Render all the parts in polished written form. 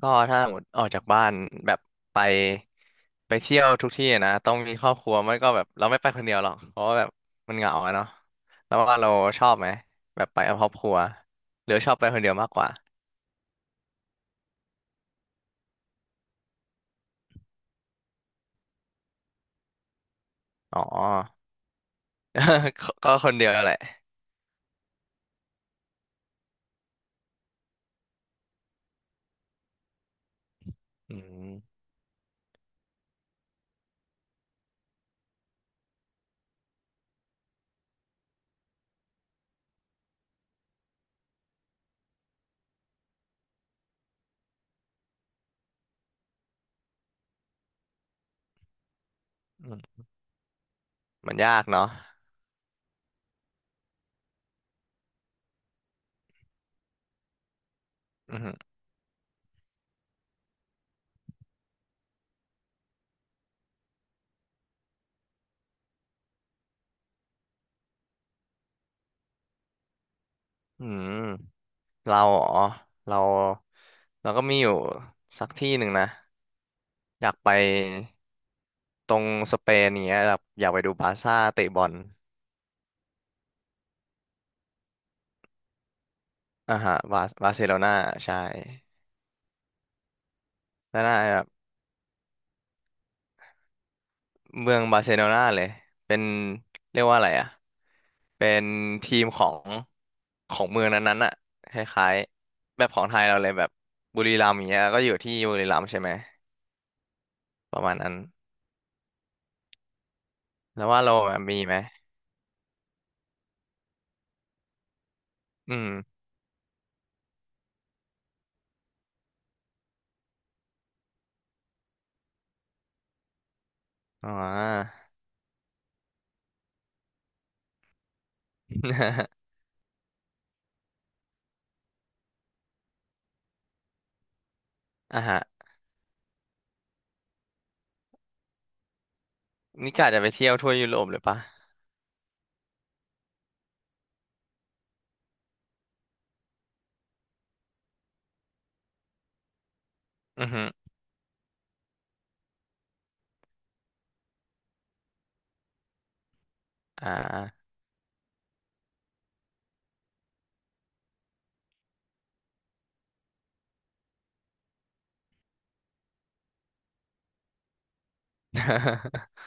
ก็ถ้าหมดออกจากบ้านแบบไปไปเที่ยวทุกที่อะนะต้องมีครอบครัวไม่ก็แบบเราไม่ไปคนเดียวหรอกเพราะว่าแบบมันเหงาอะเนาะแล้วว่าเราชอบไหมแบบไปกับครอบครัวหรือชอบไปคนเดียวมากกว่าอ๋อ ก็คนเดียวแหละอืมอืมมันยากเนาะอืมอืมเราอ๋อเราเราก็มีอยู่สักที่หนึ่งนะอยากไปตรงสเปนอย่างเงี้ยแบบอยากไปดูบาร์ซ่าเตะบอล อ่าฮะบาร์เซโลนาใช่แล้วน่าแบบเมืองบาร์เซโลนาเลยเป็นเรียกว่าอะไรอ่ะเป็นทีมของเมืองนั้นๆอ่ะคล้ายๆแบบของไทยเราเลยแบบบุรีรัมย์อย่างเงี้ยก็อยู่ที่บุรีรัมย์ใช่ไหมประมาณนั้นแล้วว่าเราแบบมีไหมอืมอ๋อ อ่ะฮะนี่กะจะไปเที่ยวทั่วยุโรปเลยปะอือฮึอ่า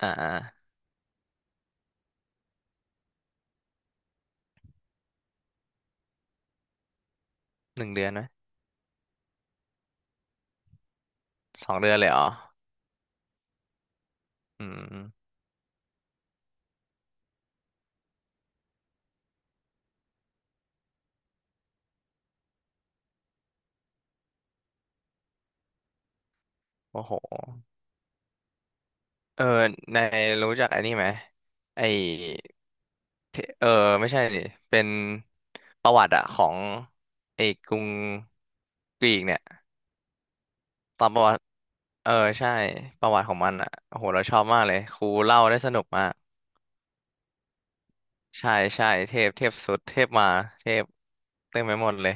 อ่า1 เดือนไหม2 เดือนเลยเหรออืมโอ้โห เออในายรู้จักอันนี้ไหมไอเทไม่ใช่นี่เป็นประวัติอะของไอกรุงกรีกเนี่ยตอนประวัติเออใช่ประวัติของมันอะโอ้โหเราชอบมากเลยครูเล่าได้สนุกมากใช่ใช่เทพเทพสุดเทพมาเทพเต็มไปหมดเลย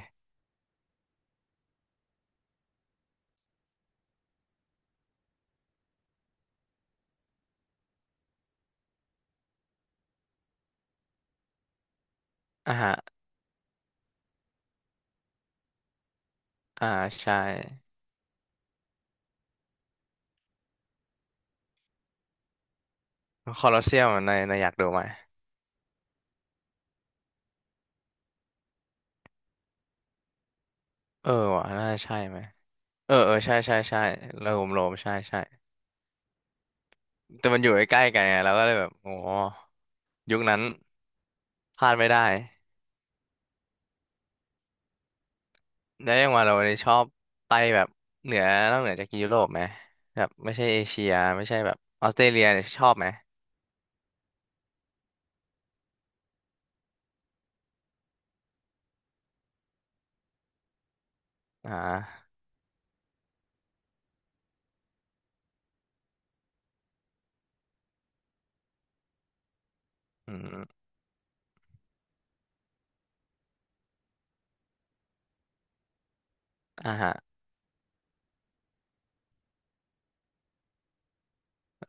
อ่าฮะอ่าใช่คอลอสเซียมในในายอยากดูไหมเออว่ะน่าใช่ไหมเออเออใช่ใช่ใช่โรมโรมใช่ใช่แต่มันอยู่ใกล้ๆกันไงเราก็เลยแบบโอ้ ยุคนั้นพลาดไม่ได้แล้วยังว่าเราเนี่ยชอบไปแบบเหนือนอกเหนือจากยุโรปไหมแบบไม่ใช่เอเชียไม่ใช่แบบออสเตรเลียเนี่ยชอบไหมอ่าอืมอ่าฮะ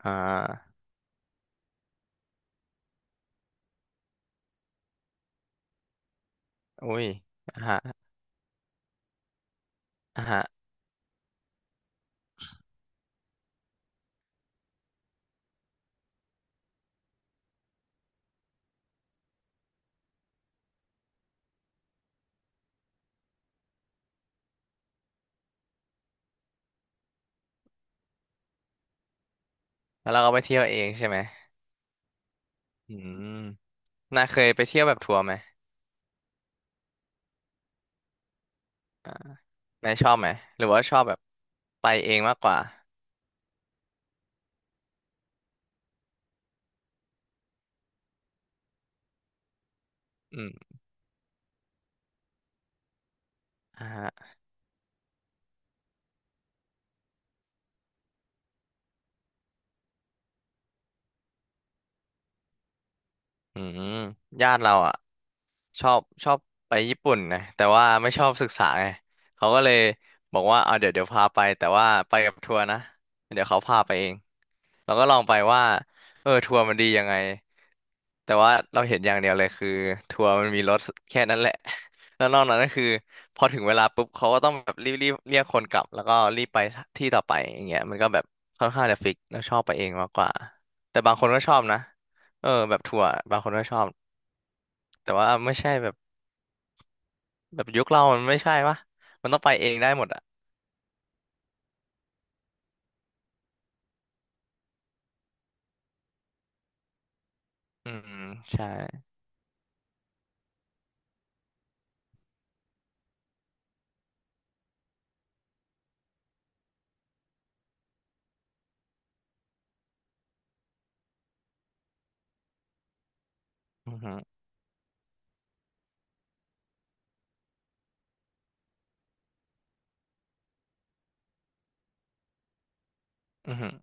อ่าอุ้ยอ่าฮะอ่าฮะแล้วเราก็ไปเที่ยวเองใช่ไหมอืมน่าเคยไปเที่ยวแบบทัวร์ไหมอ่านายชอบไหมหรือว่าชอบแบบไปเองมากกว่าอืมอ่าฮะอืมญาติเราอ่ะ ชอบชอบไปญี่ปุ่นนะแต่ว่าไม่ชอบศึกษาไงเขาก็เลยบอกว่าเอาเดี๋ยวเดี๋ยวพาไปแต่ว่าไปกับทัวร์นะเดี๋ยวเขาพาไปเองเราก็ลองไปว่าเออทัวร์มันดียังไงแต่ว่าเราเห็นอย่างเดียวเลยคือทัวร์มันมีรถแค่นั้นแหละ แล้วนอกนั้นก็คือพอถึงเวลาปุ๊บเขาก็ต้องแบบรีบรีบเรียกคนกลับแล้วก็รีบไปที่ต่อไปอย่างเงี้ยมันก็แบบค่อนข้างจะฟิกแล้วชอบไปเองมากกว่าแต่บางคนก็ชอบนะเออแบบทัวร์บางคนก็ชอบแต่ว่าไม่ใช่แบบ แบบยุคเรามันไม่ใช่ปะมันต้องไปเองได้หมดอ่ะอืมใช่อือหืออือหือ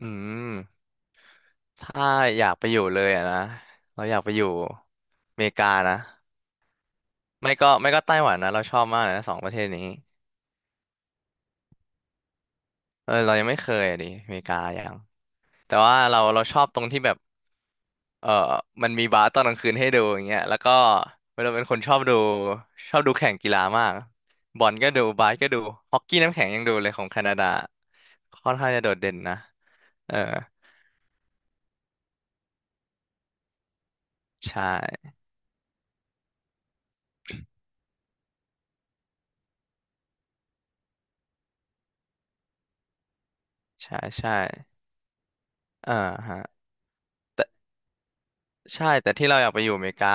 อืมถ้าอยากไปอยู่เลยอะนะ เราอยากไปอยู่อเมริกานะ ไม่ก็ไต้หวันนะเราชอบมากเลยนะสองประเทศนี้เออเรายังไม่เคยอ่ะดิอเมริกายังแต่ว่าเราเราชอบตรงที่แบบเออมันมีบาร์ตอนกลางคืนให้ดูอย่างเงี้ยแล้วก็เราเป็นคนชอบดูแข่งกีฬามากบอลก็ดูบาสก็ดูฮอกกี้น้ำแข็งยังดูเลยของแคนาดาค่อนข้างจะโดดเด่นนะ เออใช่ใช่ใช่เออฮะแต่ ใช่แต่ที่เราอยากไปอยู่อเมริกา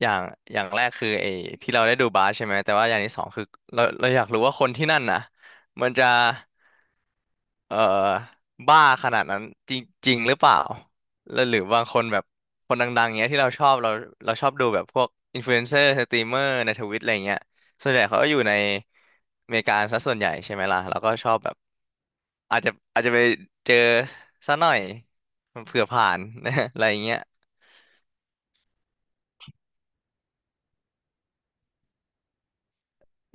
อย่างอย่างแรกคือไอ้ที่เราได้ดูบาสใช่ไหมแต่ว่าอย่างที่สองคือเราอยากรู้ว่าคนที่นั่นน่ะมันจะเอ่อบ้าขนาดนั้นจริงจริงหรือเปล่าแล้วหรือบางคนแบบคนดังๆเงี้ยที่เราชอบเราเราชอบดูแบบพวกอินฟลูเอนเซอร์สตรีมเมอร์ในทวิตอะไรเงี้ยส่วนใหญ่เขาก็อยู่ในอเมริกาซะส่วนใหญ่ใช่ไหมล่ะแล้วก็ชอบแบบอาจจะไปเจอซะหน่อยเผื่อผ่าน อะไรเงี้ย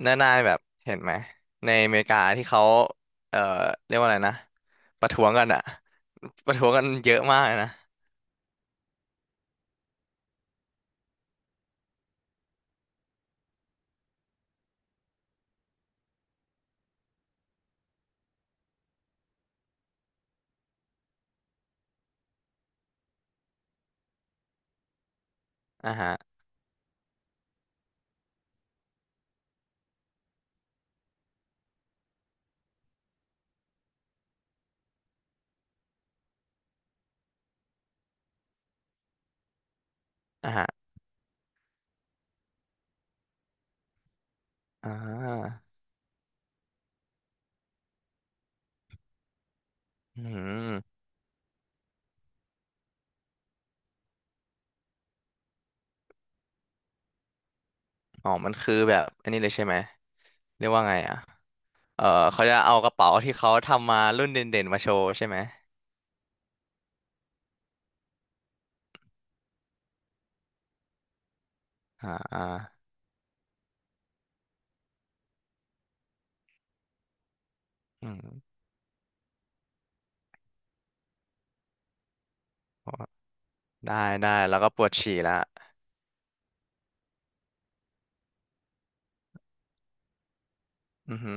นานายแบบเห็นไหมในอเมริกาที่เขาเอ่อเรียกว่าอะไรนะประท้วงกันอะประท้วงกันเยอะมากเลยนะอ่าฮะอ่าฮะอ่าอืมอ๋อมันคือแบบอันนี้เลยใช่ไหมเรียกว่าไงอะเออเขาจะเอากระเป๋าที่เขาทำมารุ่นเด่นๆมาโชว์ใช่ไหมอ่าอ่าอืมได้ได้แล้วก็ปวดฉี่ละอือฮึ